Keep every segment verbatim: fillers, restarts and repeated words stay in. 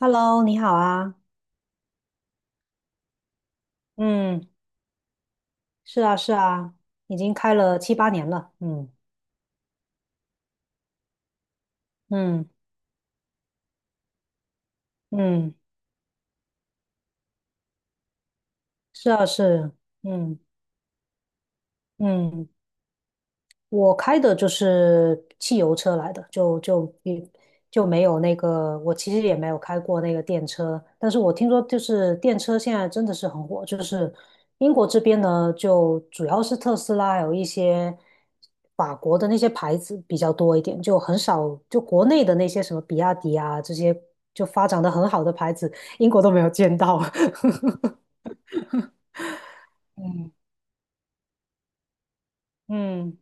Hello，你好啊。嗯，是啊，是啊，已经开了七八年了。嗯嗯嗯，是啊，是，嗯嗯。我开的就是汽油车来的，就就也就没有那个，我其实也没有开过那个电车，但是我听说就是电车现在真的是很火，就是英国这边呢，就主要是特斯拉，还有一些法国的那些牌子比较多一点，就很少，就国内的那些什么比亚迪啊这些就发展的很好的牌子，英国都没有见到。嗯，嗯，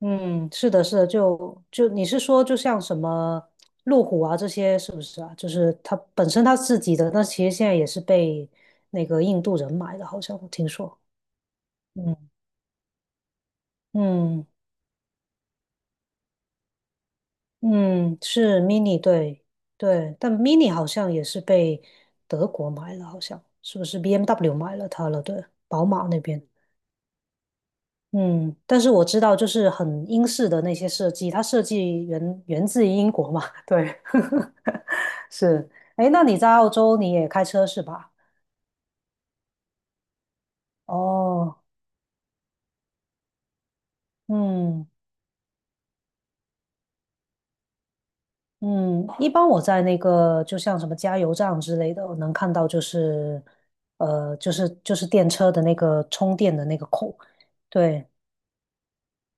嗯，是的，是的，就就你是说，就像什么路虎啊这些，是不是啊？就是它本身它自己的，那其实现在也是被那个印度人买的，好像我听说。嗯嗯嗯，是 Mini，对对，但 Mini 好像也是被德国买了，好像是不是 B M W 买了它了？对，宝马那边。嗯，但是我知道，就是很英式的那些设计，它设计源源自于英国嘛，对。是，哎，那你在澳洲你也开车是吧？哦，嗯嗯，一般我在那个就像什么加油站之类的，我能看到就是，呃，就是就是电车的那个充电的那个口，对。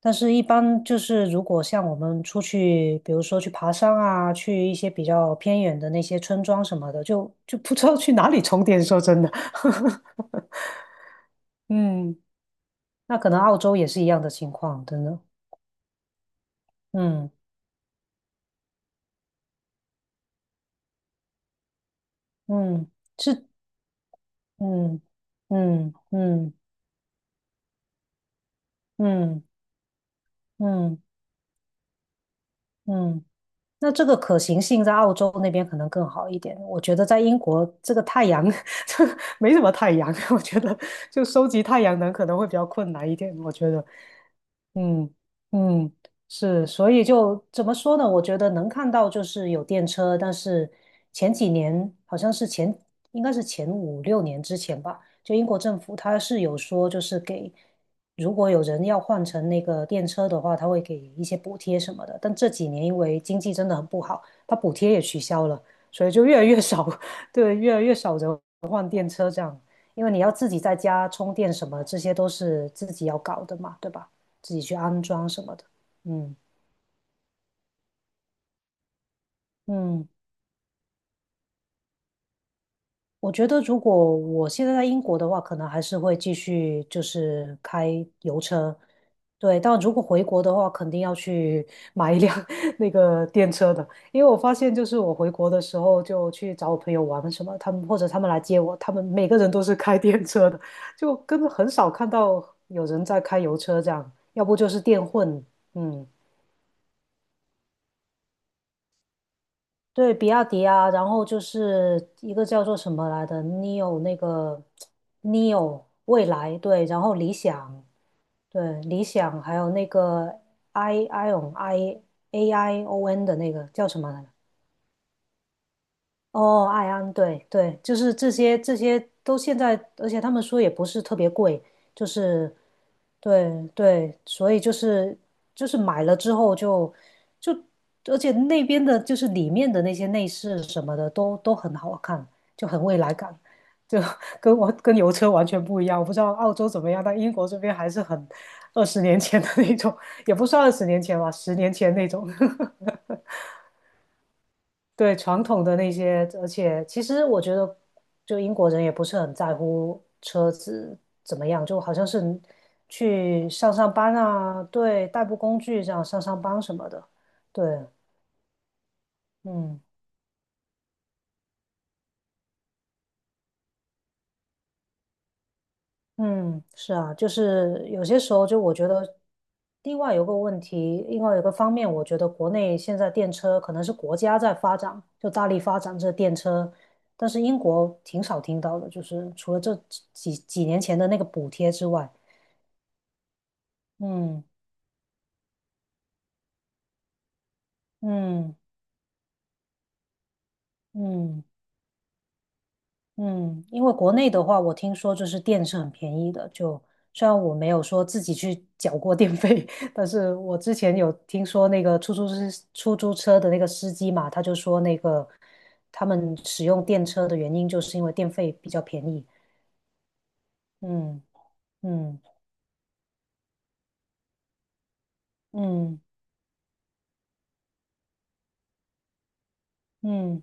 但是，一般就是如果像我们出去，比如说去爬山啊，去一些比较偏远的那些村庄什么的，就就不知道去哪里充电。说真的，嗯，那可能澳洲也是一样的情况，真的，嗯嗯。是嗯嗯嗯嗯嗯嗯，那这个可行性在澳洲那边可能更好一点。我觉得在英国这个太阳 这没什么太阳，我觉得就收集太阳能可能会比较困难一点。我觉得，嗯嗯，是，所以就怎么说呢？我觉得能看到就是有电车，但是前几年好像是前，应该是前五六年之前吧，就英国政府它是有说，就是给如果有人要换成那个电车的话，它会给一些补贴什么的。但这几年因为经济真的很不好，它补贴也取消了，所以就越来越少，对，越来越少人换电车这样，因为你要自己在家充电什么，这些都是自己要搞的嘛，对吧？自己去安装什么的。嗯嗯，我觉得如果我现在在英国的话，可能还是会继续就是开油车。对，但如果回国的话，肯定要去 买一辆 那个电车的，因为我发现就是我回国的时候就去找我朋友玩什么，他们或者他们来接我，他们每个人都是开电车的，就根本很少看到有人在开油车这样，要不就是电混，嗯。对，比亚迪啊，然后就是一个叫做什么来的，neo 那个 neo 未来，对，然后理想，对，理想，还有那个 i ion i a i o n 的那个叫什么来着？哦，爱安，对对，就是这些这些都现在，而且他们说也不是特别贵，就是对对，所以就是就是买了之后就就，而且那边的就是里面的那些内饰什么的都都很好看，就很未来感，就 跟我跟油车完全不一样。我不知道澳洲怎么样，但英国这边还是很二十年前的那种，也不算二十年前吧，十年前那种。对传统的那些，而且其实我觉得，就英国人也不是很在乎车子怎么样，就好像是去上上班啊，对，代步工具这样上上班什么的，对，嗯嗯，是啊，就是有些时候就我觉得，另外有个问题，另外有个方面，我觉得国内现在电车可能是国家在发展，就大力发展这电车。但是英国挺少听到的，就是除了这几几年前的那个补贴之外，嗯嗯嗯嗯，因为国内的话，我听说就是电是很便宜的，就虽然我没有说自己去缴过电费，但是我之前有听说那个出租车出租车的那个司机嘛，他就说那个他们使用电车的原因就是因为电费比较便宜。嗯嗯嗯嗯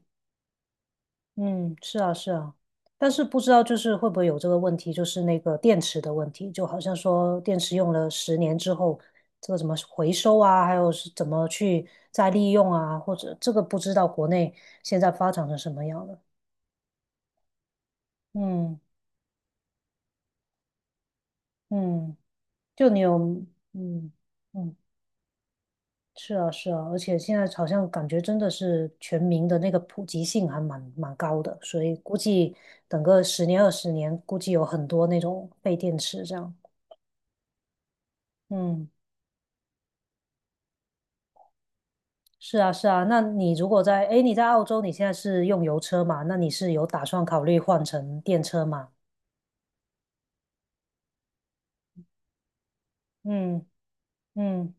嗯，是啊，是啊，但是不知道就是会不会有这个问题，就是那个电池的问题，就好像说电池用了十年之后，这个怎么回收啊，还有是怎么去再利用啊，或者这个不知道国内现在发展成什么样了。嗯嗯，就你有嗯嗯，是啊是啊，而且现在好像感觉真的是全民的那个普及性还蛮蛮高的，所以估计等个十年二十年，估计有很多那种废电池这样。嗯。是啊，是啊。那你如果在，诶，你在澳洲，你现在是用油车嘛？那你是有打算考虑换成电车吗？嗯嗯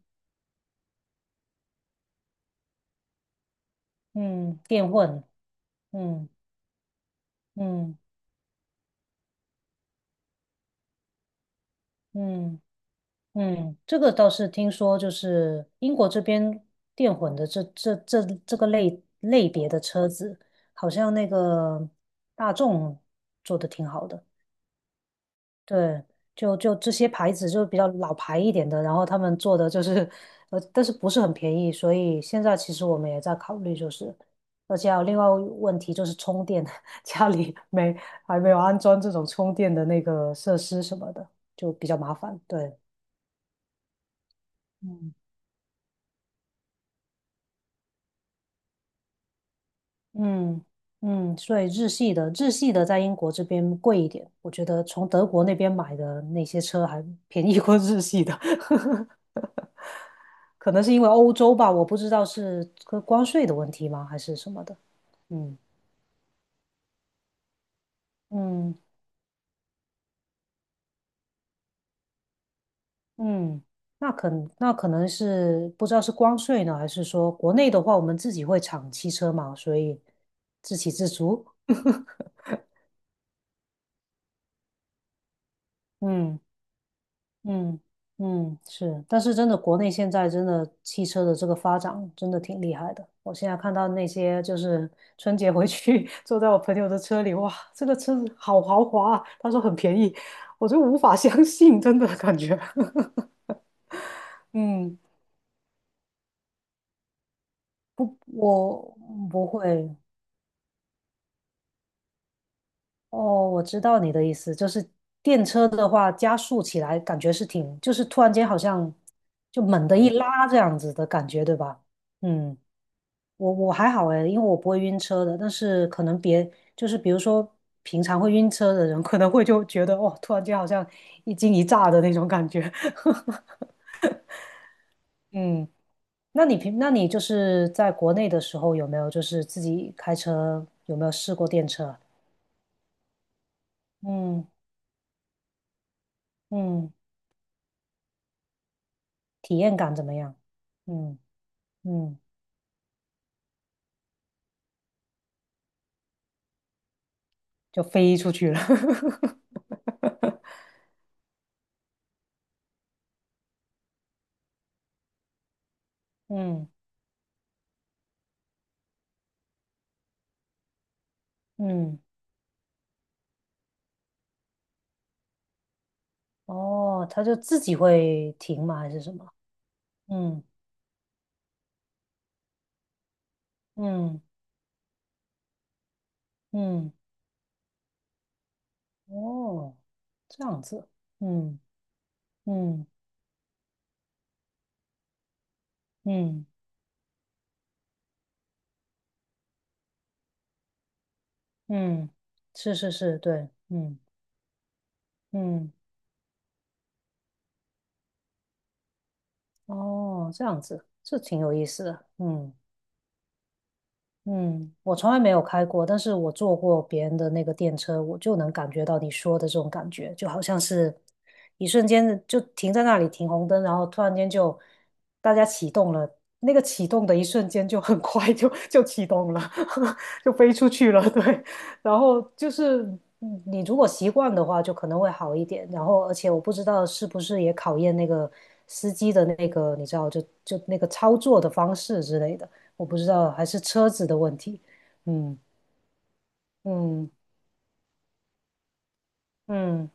嗯，电混，嗯嗯嗯嗯，这个倒是听说，就是英国这边电混的这这这这个类类别的车子，好像那个大众做的挺好的。对，就就这些牌子就比较老牌一点的，然后他们做的就是，呃，但是不是很便宜，所以现在其实我们也在考虑，就是，而且还有另外一个问题就是充电，家里没还没有安装这种充电的那个设施什么的，就比较麻烦。对，嗯，嗯嗯，所以日系的日系的在英国这边贵一点，我觉得从德国那边买的那些车还便宜过日系的。可能是因为欧洲吧，我不知道是个关税的问题吗，还是什么的。嗯嗯嗯，那可那可能是不知道是关税呢，还是说国内的话，我们自己会产汽车嘛，所以自给自足。嗯。嗯嗯，是，但是真的，国内现在真的汽车的这个发展真的挺厉害的。我现在看到那些就是春节回去 坐在我朋友的车里，哇，这个车子好豪华啊，他说很便宜，我就无法相信，真的感觉。嗯，我不会。哦，我知道你的意思，就是电车的话，加速起来感觉是挺，就是突然间好像就猛地一拉这样子的感觉，对吧？嗯。我我还好诶，因为我不会晕车的，但是可能别就是比如说平常会晕车的人，可能会就觉得哦，突然间好像一惊一乍的那种感觉。嗯，那你平那你就是在国内的时候有没有就是自己开车有没有试过电车啊？嗯嗯，体验感怎么样？嗯嗯，就飞出去了。嗯嗯，哦，它就自己会停吗？还是什么？嗯嗯嗯。哦，这样子，嗯嗯嗯嗯，是是是，对，嗯嗯，哦，这样子，这挺有意思的，嗯。嗯，我从来没有开过，但是我坐过别人的那个电车，我就能感觉到你说的这种感觉，就好像是一瞬间就停在那里停红灯，然后突然间就大家启动了，那个启动的一瞬间就很快就就启动了，就飞出去了，对。然后就是嗯你如果习惯的话，就可能会好一点。然后而且我不知道是不是也考验那个司机的那个，你知道，就就那个操作的方式之类的。我不知道，还是车子的问题。嗯嗯嗯，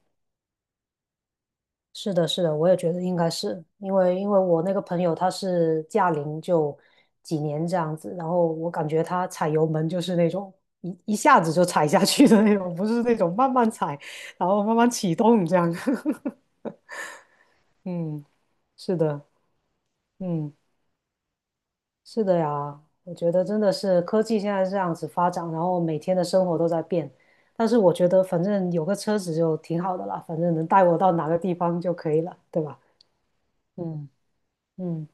是的，是的，我也觉得应该是因为因为我那个朋友他是驾龄就几年这样子，然后我感觉他踩油门就是那种一一下子就踩下去的那种，不是那种慢慢踩，然后慢慢启动这样。嗯，是的，嗯。是的呀，我觉得真的是科技现在这样子发展，然后每天的生活都在变。但是我觉得反正有个车子就挺好的了，反正能带我到哪个地方就可以了，对吧？嗯。嗯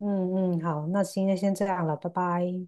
嗯嗯，好，那今天先这样了，拜拜。